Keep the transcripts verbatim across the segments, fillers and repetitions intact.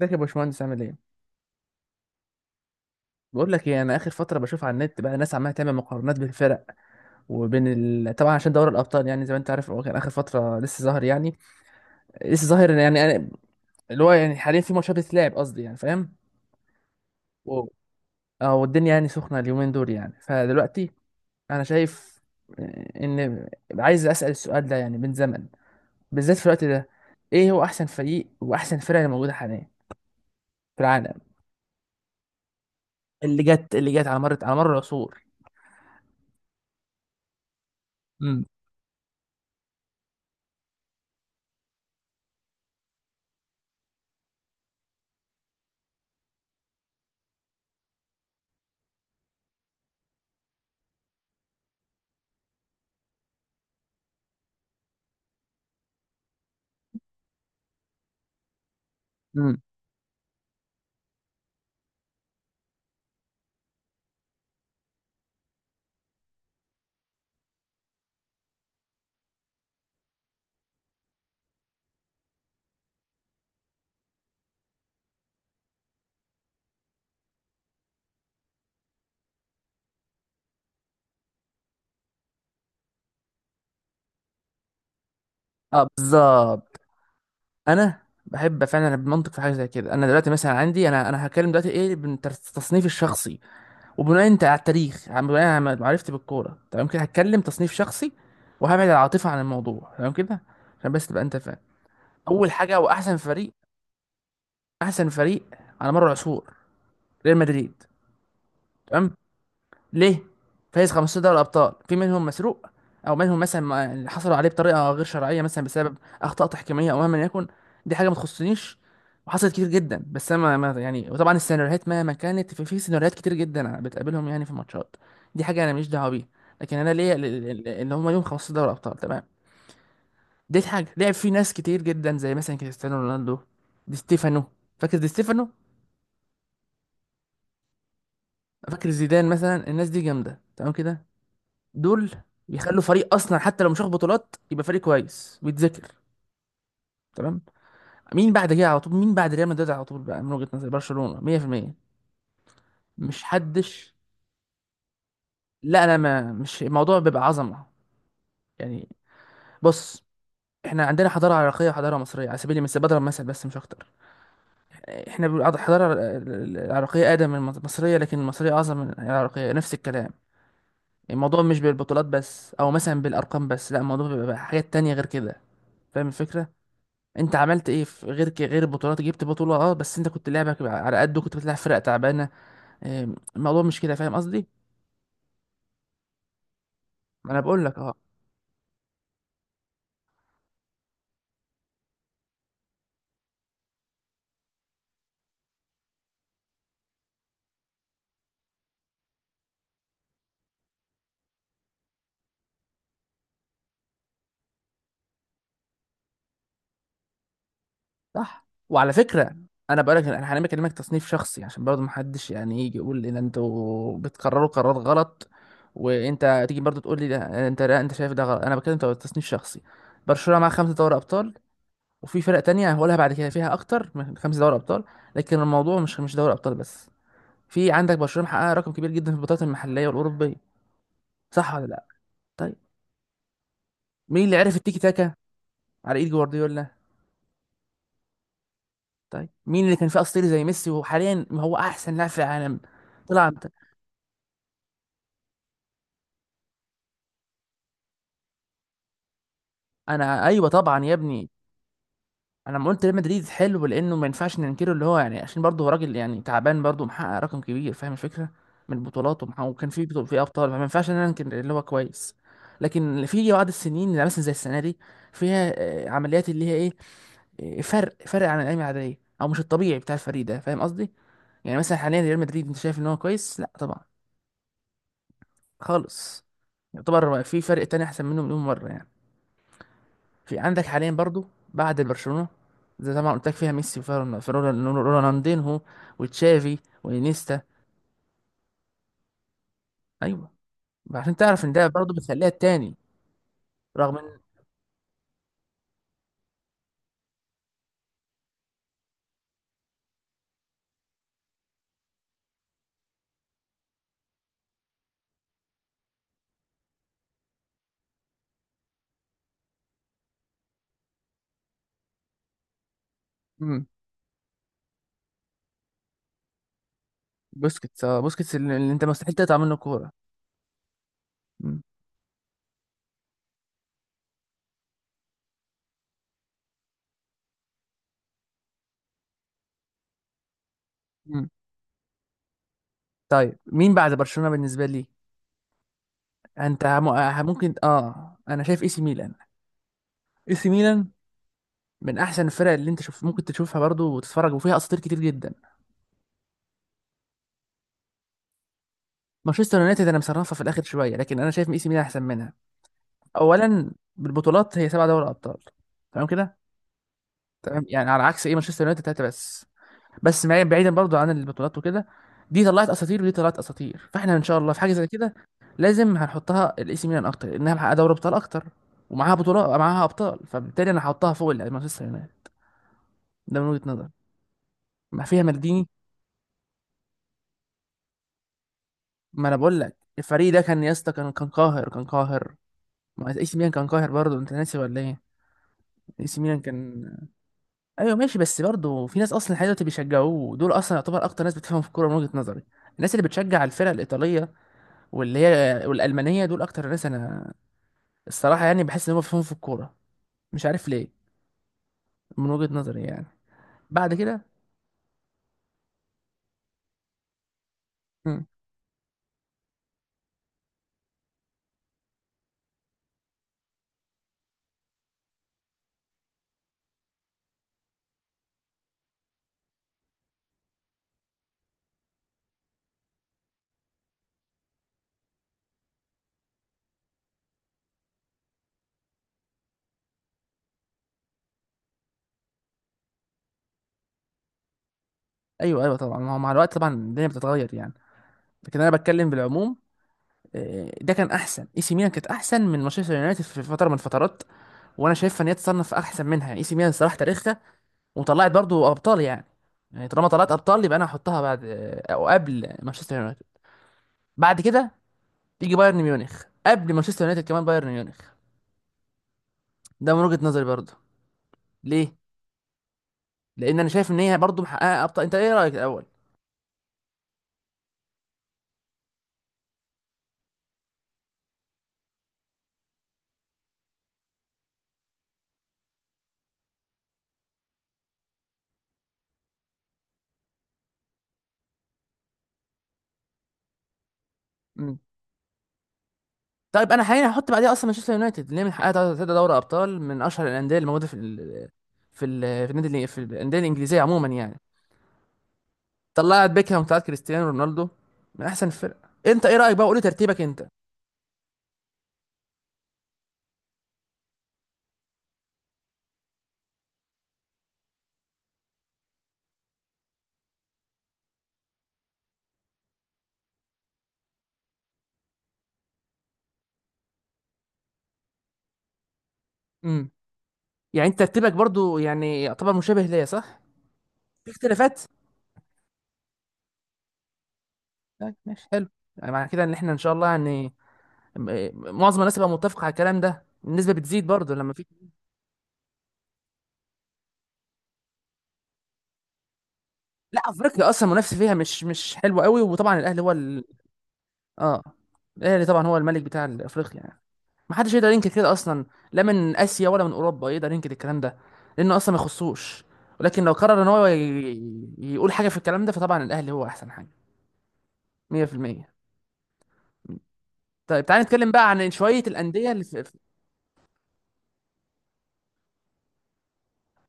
ازيك يا باشمهندس عامل ايه؟ بقول لك ايه، انا اخر فتره بشوف على النت بقى ناس عماله تعمل مقارنات بين الفرق وبين ال... طبعا عشان دوري الابطال يعني زي ما انت عارف هو كان اخر فتره لسه ظاهر يعني لسه ظاهر يعني أنا- اللي هو يعني حاليا في ماتشات بتتلعب، قصدي يعني، فاهم؟ و- اه، والدنيا يعني سخنه اليومين دول، يعني فدلوقتي انا شايف ان عايز اسال السؤال ده يعني من زمن، بالذات في الوقت ده. ايه هو احسن فريق واحسن فرقه اللي موجوده حاليا في العالم؟ اللي جت اللي جت على مر على مر العصور. امم امم اه، بالظبط. انا بحب فعلا بمنطق في حاجه زي كده. انا دلوقتي مثلا عندي، انا انا هتكلم دلوقتي ايه بالتصنيف الشخصي وبناء انت على التاريخ، عم- بناء على معرفتي بالكوره. تمام كده؟ هتكلم تصنيف شخصي وهبعد العاطفه عن الموضوع، تمام كده، عشان بس تبقى انت فاهم. اول حاجه واحسن فريق، احسن فريق على مر العصور ريال مدريد. تمام. ليه؟ فايز خمسة عشر دوري ابطال، في منهم مسروق او منهم مثلا ما- اللي حصلوا عليه بطريقه غير شرعيه مثلا، بسبب اخطاء تحكيميه او مهما يكن. دي حاجه ما تخصنيش وحصلت كتير جدا. بس انا ما يعني، وطبعا السيناريوهات مهما كانت، في, في سيناريوهات كتير جدا بتقابلهم يعني في الماتشات، دي حاجه انا ماليش دعوه بيها. لكن انا ليا ال- ال- ال- اللي هم ليهم خمسة عشر دوري ابطال، تمام. دي حاجه لعب في ناس كتير جدا زي مثلا كريستيانو رونالدو، دي ستيفانو، فاكر دي ستيفانو؟ فاكر زيدان مثلا؟ الناس دي جامده، تمام كده. دول يخلوا فريق اصلا حتى لو مش واخد بطولات يبقى فريق كويس ويتذكر، تمام. مين بعد كده على طول؟ مين بعد ريال مدريد على طول؟ بقى من وجهة نظري برشلونة مية في المية. مش حدش. لا، انا ما، مش الموضوع بيبقى عظمة يعني. بص، احنا عندنا حضارة عراقية وحضارة مصرية على سبيل المثال، بضرب مثل بس مش اكتر. احنا بنقعد- الحضارة العراقية اقدم من المصرية لكن المصرية اعظم من العراقية، نفس الكلام. الموضوع مش بالبطولات بس او مثلا بالارقام بس، لا، الموضوع بيبقى حاجات تانية غير كده، فاهم الفكرة؟ انت عملت ايه في غير ك- غير البطولات؟ جبت بطولة، اه، بس انت كنت لعبك على قده، كنت بتلعب فرق تعبانة. اه، الموضوع مش كده، فاهم قصدي؟ ما انا بقول لك. اه، صح. وعلى فكرة، انا بقول لك، انا هنعمل كلمك تصنيف شخصي عشان برضه محدش يعني يجي يقول ان انتوا بتقرروا قرارات غلط، وانت تيجي برضه تقول لي، ده انت لا، انت شايف ده غلط. انا بتكلم تو- تصنيف شخصي. برشلونة مع خمسة دوري ابطال، وفي فرق تانية هقولها بعد كده فيها اكتر من خمسة دوري ابطال، لكن الموضوع مش مش دوري ابطال بس. في عندك برشلونة محققة رقم كبير جدا في البطولات المحلية والأوروبية، صح ولا لا؟ طيب، مين اللي عرف التيكي تاكا؟ على ايد جوارديولا. طيب، مين اللي كان فيه اسطوري زي ميسي وحاليا هو احسن لاعب في العالم؟ طلع انت. انا ايوه طبعا يا ابني. انا لما قلت ريال مدريد حلو، لانه ما ينفعش ننكره، اللي هو يعني عشان برضه هو راجل يعني تعبان برضه محقق رقم كبير، فاهم الفكره؟ من البطولات ومح- وكان في بطو- في ابطال، فما ينفعش ان انا انكر اللي هو كويس. لكن في بعض السنين اللي مثلا زي السنه دي، فيها آه، عمليات اللي هي ايه، آه، فرق فرق عن الايام العاديه، او مش الطبيعي بتاع الفريق ده، فاهم قصدي؟ يعني مثلا حاليا ريال مدريد انت شايف ان هو كويس؟ لا طبعا، خالص. يعتبر في فرق تاني احسن منه مليون مره يعني. في عندك حاليا برضو بعد برشلونه، زي طبعا قلت لك فيها ميسي، وفيها رونالدينهو، وتشافي، وانيستا. ايوه. عشان تعرف ان ده برضو بتخليها التاني رغم ان. مم. بوسكيتس، اه، بوسكيتس اللي اللي انت مستحيل تقطع منه كوره. مم. مم. طيب، مين بعد برشلونه بالنسبه لي؟ انت هم- ممكن، اه انا شايف اي سي ميلان. اي سي ميلان من احسن الفرق اللي انت شوف ممكن تشوفها برضو وتتفرج، وفيها اساطير كتير جدا. مانشستر يونايتد انا مصنفها في الاخر شويه، لكن انا شايف اي سي ميلان احسن منها. اولا بالبطولات، هي سبع دوري ابطال، تمام كده. تمام، يعني على عكس ايه، مانشستر يونايتد ثلاثه بس. بس معي- بعيدا برضو عن البطولات وكده، دي طلعت اساطير ودي طلعت اساطير، فاحنا ان شاء الله في حاجه زي كده لازم هنحطها الاي سي ميلان اكتر لانها محققه دوري ابطال اكتر، ومعاها بطولات معاها ابطال، فبالتالي انا هحطها فوق مانشستر يونايتد. ده من وجهه نظري. ما فيها مالديني. ما انا بقول لك الفريق ده كان يا اسطى، كان كان قاهر كان قاهر. ما اي سي ميلان كان قاهر برضه، انت ناسي ولا ايه؟ اي سي ميلان كان. ايوه، ماشي، بس برضه في ناس اصلا لحد دلوقتي بيشجعوه، دول اصلا يعتبر اكتر ناس بتفهم في الكوره من وجهة نظري. الناس اللي بتشجع الفرق الايطاليه واللي هي والالمانيه، دول اكتر ناس انا الصراحه يعني بحس ان هم بيفهموا في الكوره، مش عارف ليه، من وجهة نظري يعني. بعد كده. مم. ايوه ايوه، طبعا، ما هو مع الوقت طبعا الدنيا بتتغير يعني، لكن انا بتكلم بالعموم. آه، ده كان احسن، اي سي ميلان كانت احسن من مانشستر يونايتد في فتره من الفترات، وانا شايفها ان هي تصنف احسن منها يعني. اي سي ميلان الصراحه تاريخها، وطلعت برضو ابطال يعني، يعني طالما طلعت ابطال يبقى انا هحطها بعد، آه، او قبل مانشستر يونايتد. بعد كده تيجي بايرن ميونخ قبل مانشستر يونايتد، كمان بايرن ميونخ، ده من وجهه نظري برضو. ليه؟ لان انا شايف ان هي برضو محققه ابطال. انت ايه رايك الاول؟ مم. طيب، انا حاليا هحط بعديها اصلا مانشستر يونايتد، اللي هي من حققها تلاتة دوري ابطال، من اشهر الانديه اللي موجوده في ال... في ال... في النادي اللي- في الانديه الانجليزيه عموما يعني. طلعت بيكهام، وطلعت كريستيانو رونالدو، من احسن الفرقه. انت ايه رايك بقى؟ قولي ترتيبك انت. امم يعني انت ترتيبك برضو يعني يعتبر مشابه ليا، صح؟ في اختلافات؟ طيب، ماشي، حلو. يعني معنى كده ان احنا ان شاء الله يعني، م- معظم الناس بقى متفق على الكلام ده، النسبه بتزيد برضو لما في. لا، افريقيا اصلا منافسه فيها مش مش حلوه قوي، وطبعا الاهلي هو ال... اه. الاهلي طبعا هو الملك بتاع افريقيا يعني، ما حدش يقدر ينكر كده اصلا، لا من اسيا ولا من اوروبا يقدر ينكر الكلام ده، لانه اصلا ما يخصوش. ولكن لو قرر ان هو ي- ي- يقول حاجه في الكلام ده، فطبعا الاهلي هو احسن حاجه مية في المية. طيب، تعالى نتكلم بقى عن شويه الانديه اللي في... في-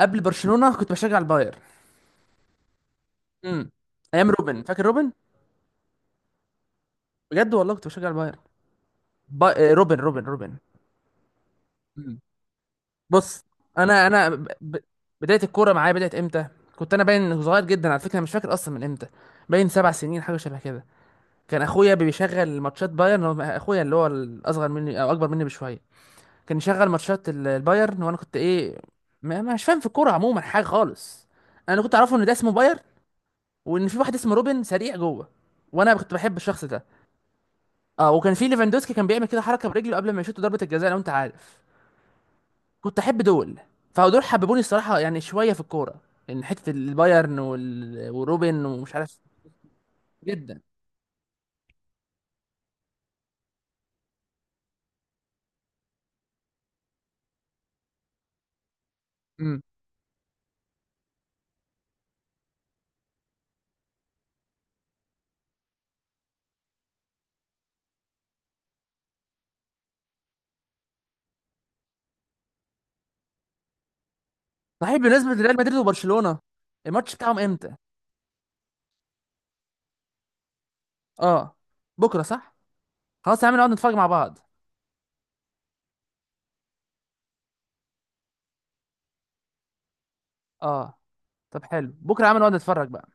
قبل برشلونه كنت بشجع الباير. امم. ايام روبن، فاكر روبن؟ بجد والله كنت بشجع الباير. با... آه، روبن، روبن، روبن. مم. بص، انا انا ب... ب... بدايه الكوره معايا بدات امتى؟ كنت انا باين صغير جدا على فكره، مش فاكر اصلا من امتى، باين سبع سنين حاجه شبه كده. كان اخويا بيشغل ماتشات بايرن، هو اخويا اللي هو الاصغر مني او اكبر مني بشويه، كان يشغل ماتشات ال- البايرن، وانا كنت ايه، ما ما- مش فاهم في الكوره عموما حاجه خالص. انا كنت اعرفه ان ده اسمه باير، وان في واحد اسمه روبن سريع جوه، وانا كنت بحب الشخص ده. اه، وكان في ليفاندوسكي كان بيعمل كده حركه برجله قبل ما يشوط ضربه الجزاء لو انت عارف. كنت احب دول، فدول حببوني الصراحه يعني شويه في الكوره، ان حته البايرن وال... وروبن ومش عارف. جدا. امم. صحيح، بالنسبه لريال مدريد وبرشلونه، الماتش بتاعهم امتى؟ اه. بكره، صح. خلاص يا عم نقعد نتفرج مع بعض. اه، طب حلو، بكره يا عم نقعد نتفرج بقى.